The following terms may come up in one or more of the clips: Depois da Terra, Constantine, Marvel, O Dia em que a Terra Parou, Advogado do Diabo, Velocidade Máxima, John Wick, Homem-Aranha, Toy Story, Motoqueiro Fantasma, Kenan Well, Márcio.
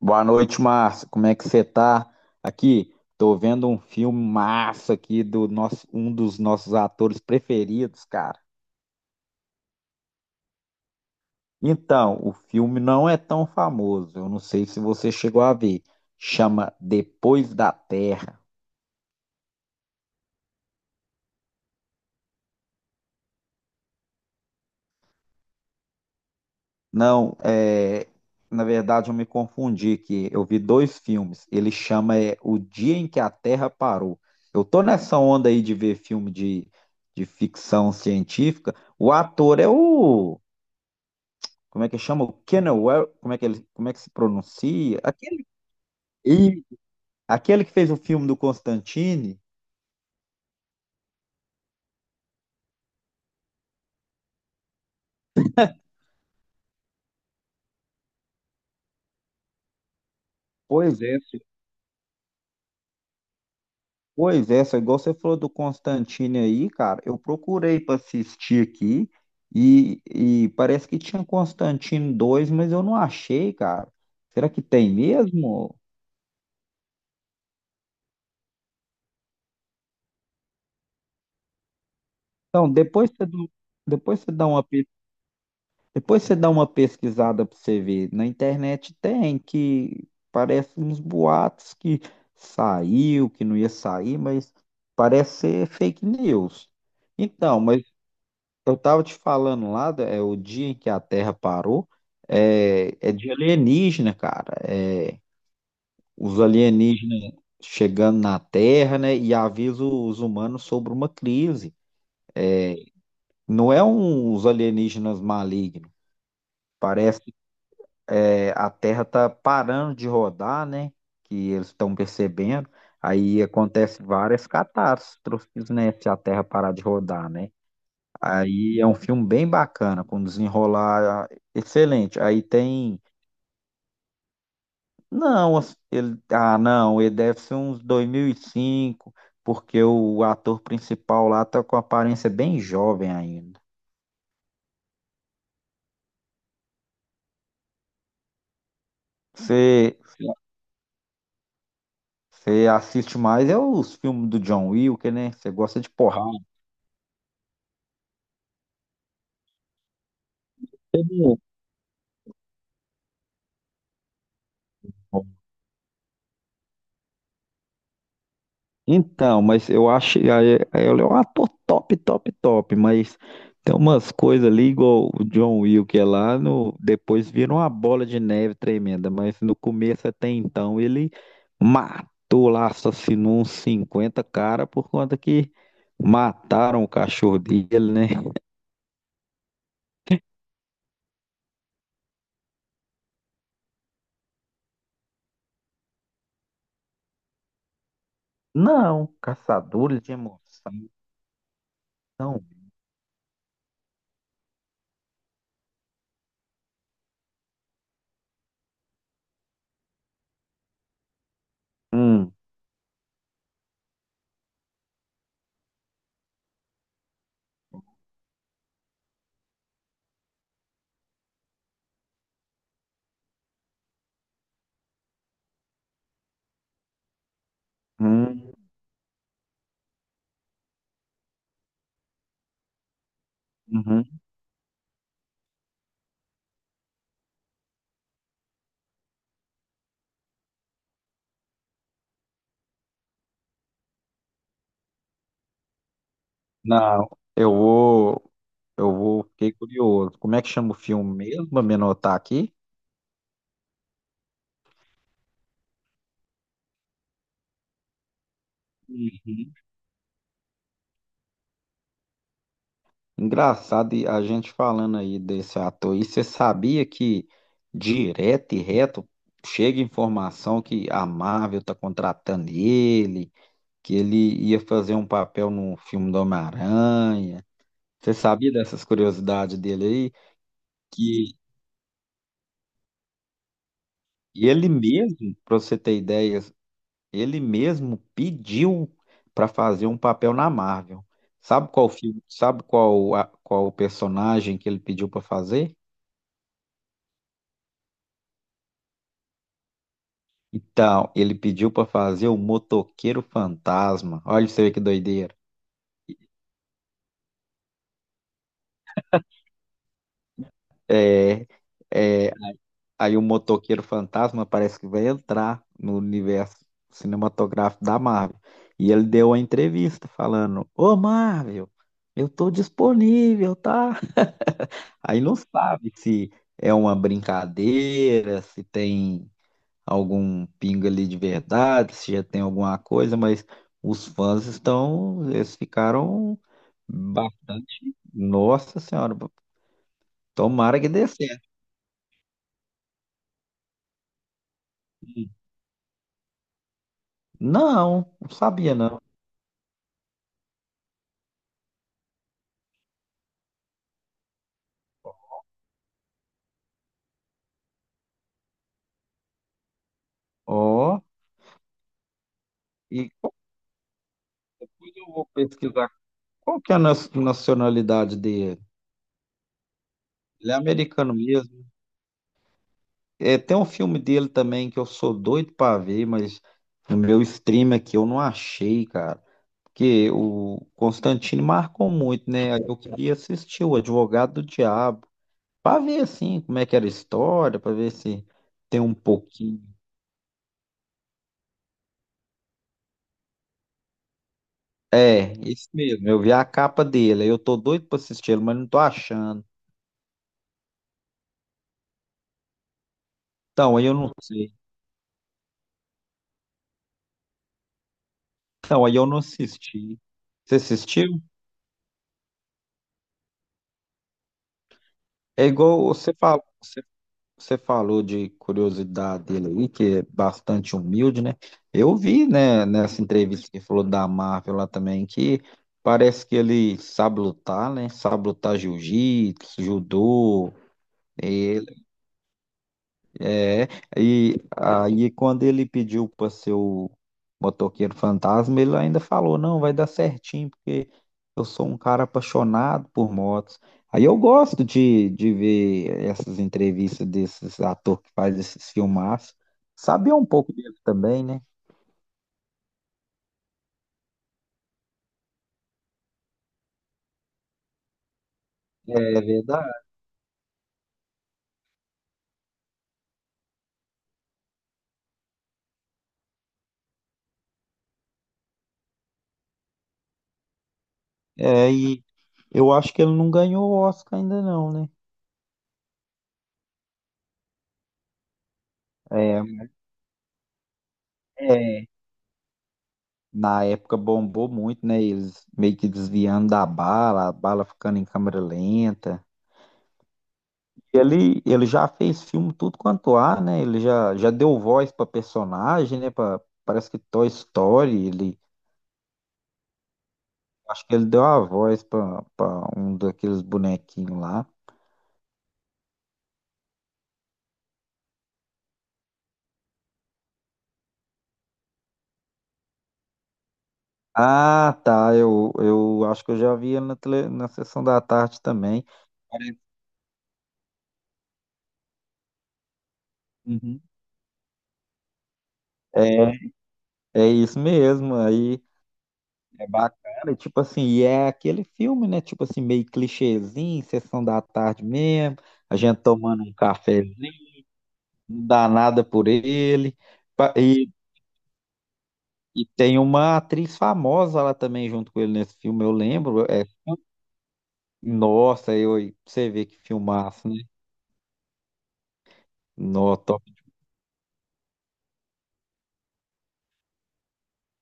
Boa noite, Márcio. Como é que você tá? Aqui, tô vendo um filme massa aqui do nosso, um dos nossos atores preferidos, cara. Então, o filme não é tão famoso. Eu não sei se você chegou a ver. Chama Depois da Terra. Não, é, na verdade eu me confundi aqui. Eu vi dois filmes. Ele chama é, O Dia em que a Terra Parou. Eu tô nessa onda aí de ver filme de ficção científica. O ator é o como é que chama? O Kenan Well, como é que ele, como é que se pronuncia? Aquele, e, aquele que fez o filme do Constantine. Pois é, fi- Pois é, só igual você falou do Constantine aí, cara, eu procurei para assistir aqui e parece que tinha Constantine 2, mas eu não achei, cara. Será que tem mesmo? Então, depois você, dá- Depois você dá uma Depois você dá uma pesquisada para você ver. Na internet tem que parece uns boatos que saiu, que não ia sair, mas parece ser fake news. Então, mas eu tava te falando lá, é o dia em que a Terra parou, é, é de alienígena, cara. É, os alienígenas chegando na Terra, né, e avisa os humanos sobre uma crise. Não é um, os alienígenas malignos. Parece É, a Terra está parando de rodar, né? Que eles estão percebendo. Aí acontece várias catástrofes, né? Se a Terra parar de rodar, né? Aí é um filme bem bacana, com desenrolar excelente. Aí tem. Não, as- ele... ah, não, ele deve ser uns 2005, porque o ator principal lá tá com aparência bem jovem ainda. Você você assiste mais é os filmes do John Wick, né? Você gosta de porrada. Você não- Então, mas eu acho. Aí- aí Ele é um ator top, top, top. Mas tem umas coisas ali, igual o John Wick que é lá, no, depois vira uma bola de neve tremenda. Mas no começo até então, ele matou lá, assassinou uns 50 cara por conta que mataram o cachorro dele, né? Não, caçadores de emoção. Hum, hum, uhum. Não, eu vou. Eu vou, fiquei curioso. Como é que chama o filme mesmo? Pra me anotar aqui. Uhum. Engraçado, e a gente falando aí desse ator. E você sabia que direto e reto chega informação que a Marvel tá contratando ele, que ele ia fazer um papel no filme do Homem-Aranha. Você sabia dessas curiosidades dele aí? Que ele mesmo, pra você ter ideia, Ele mesmo pediu para fazer um papel na Marvel. Sabe qual filme, sabe qual personagem que ele pediu para fazer? Então, ele pediu para fazer o Motoqueiro Fantasma. Olha você vê que doideira. É, é, aí o Motoqueiro Fantasma parece que vai entrar no universo cinematográfico da Marvel. E ele deu uma entrevista falando: Ô Marvel, eu tô disponível, tá? Aí não sabe se é uma brincadeira, se tem algum pingo ali de verdade, se já tem alguma coisa, mas os fãs estão, eles ficaram bastante. Nossa Senhora, tomara que dê certo. Não, não sabia não. Ó, e qual coisa eu vou pesquisar? Qual que é nacionalidade dele? Ele é americano mesmo. É, tem um filme dele também que eu sou doido pra ver, mas no meu stream aqui eu não achei, cara. Que o Constantino marcou muito, né? Aí Eu queria assistir o Advogado do Diabo, para ver assim como é que era a história, para ver se tem um pouquinho. É, isso mesmo. Eu vi a capa dele, aí eu tô doido para assistir ele, mas não tô achando. Então, aí eu não sei. Então, aí eu não assisti. Você assistiu? É igual você falou, Você falou de curiosidade dele aí, que é bastante humilde, né? Eu vi, né, nessa entrevista que falou da Marvel lá também, que parece que ele sabe lutar, né? Sabe lutar jiu-jitsu, judô, é, e aí quando ele pediu para ser o motoqueiro fantasma, ele ainda falou, não, vai dar certinho, porque eu sou um cara apaixonado por motos. Aí eu gosto de ver essas entrevistas desses atores que faz esses filmaços. Sabia um pouco dele também, né? É verdade. É, e eu acho que ele não ganhou o Oscar ainda não, né? É, Na época bombou muito, né? Eles meio que desviando da bala, a bala ficando em câmera lenta. Ele já fez filme tudo quanto há, né? Ele já deu voz para personagem, né? Pra, parece que Toy Story, ele acho que ele deu a voz para um daqueles bonequinhos lá. Ah, tá. Eu acho que eu já vi ele na, tele, na sessão da tarde também. Parece- Uhum. É, é isso mesmo. Aí É bacana, e tipo assim, e é aquele filme, né? Tipo assim, meio clichêzinho, sessão da tarde mesmo, a gente tomando um cafezinho, não dá nada por ele. Pa- E, e tem uma atriz famosa lá também junto com ele nesse filme, eu lembro. É, nossa, eu, você vê que filmaço, né? No, top.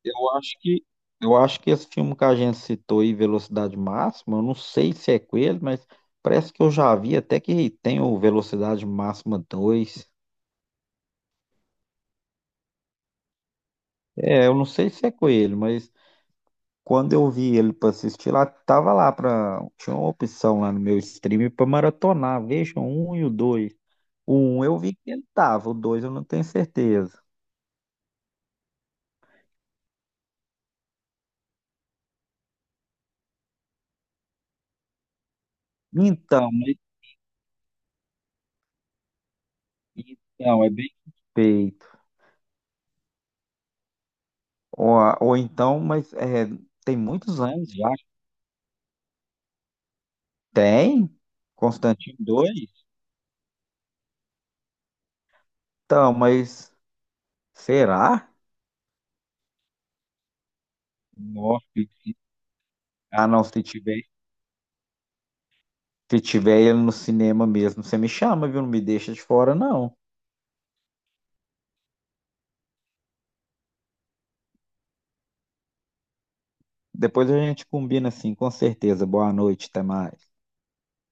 Eu acho que, eu acho que esse filme que a gente citou aí, Velocidade Máxima, eu não sei se é com ele, mas parece que eu já vi até que tem o Velocidade Máxima 2. É, eu não sei se é com ele, mas quando eu vi ele pra assistir lá, tava lá pra. Tinha uma opção lá no meu stream pra maratonar. Vejam o um e o dois. O um eu vi que ele tava, o dois eu não tenho certeza. Então, mas- então é bem suspeito. Ou, ou então, mas é, tem muitos anos já. Tem? Constantino 2. Então, mas será? Nossa, se- ah não, se tiver, se tiver ele no cinema mesmo, você me chama, viu? Não me deixa de fora, não. Depois a gente combina assim, com certeza. Boa noite, até mais.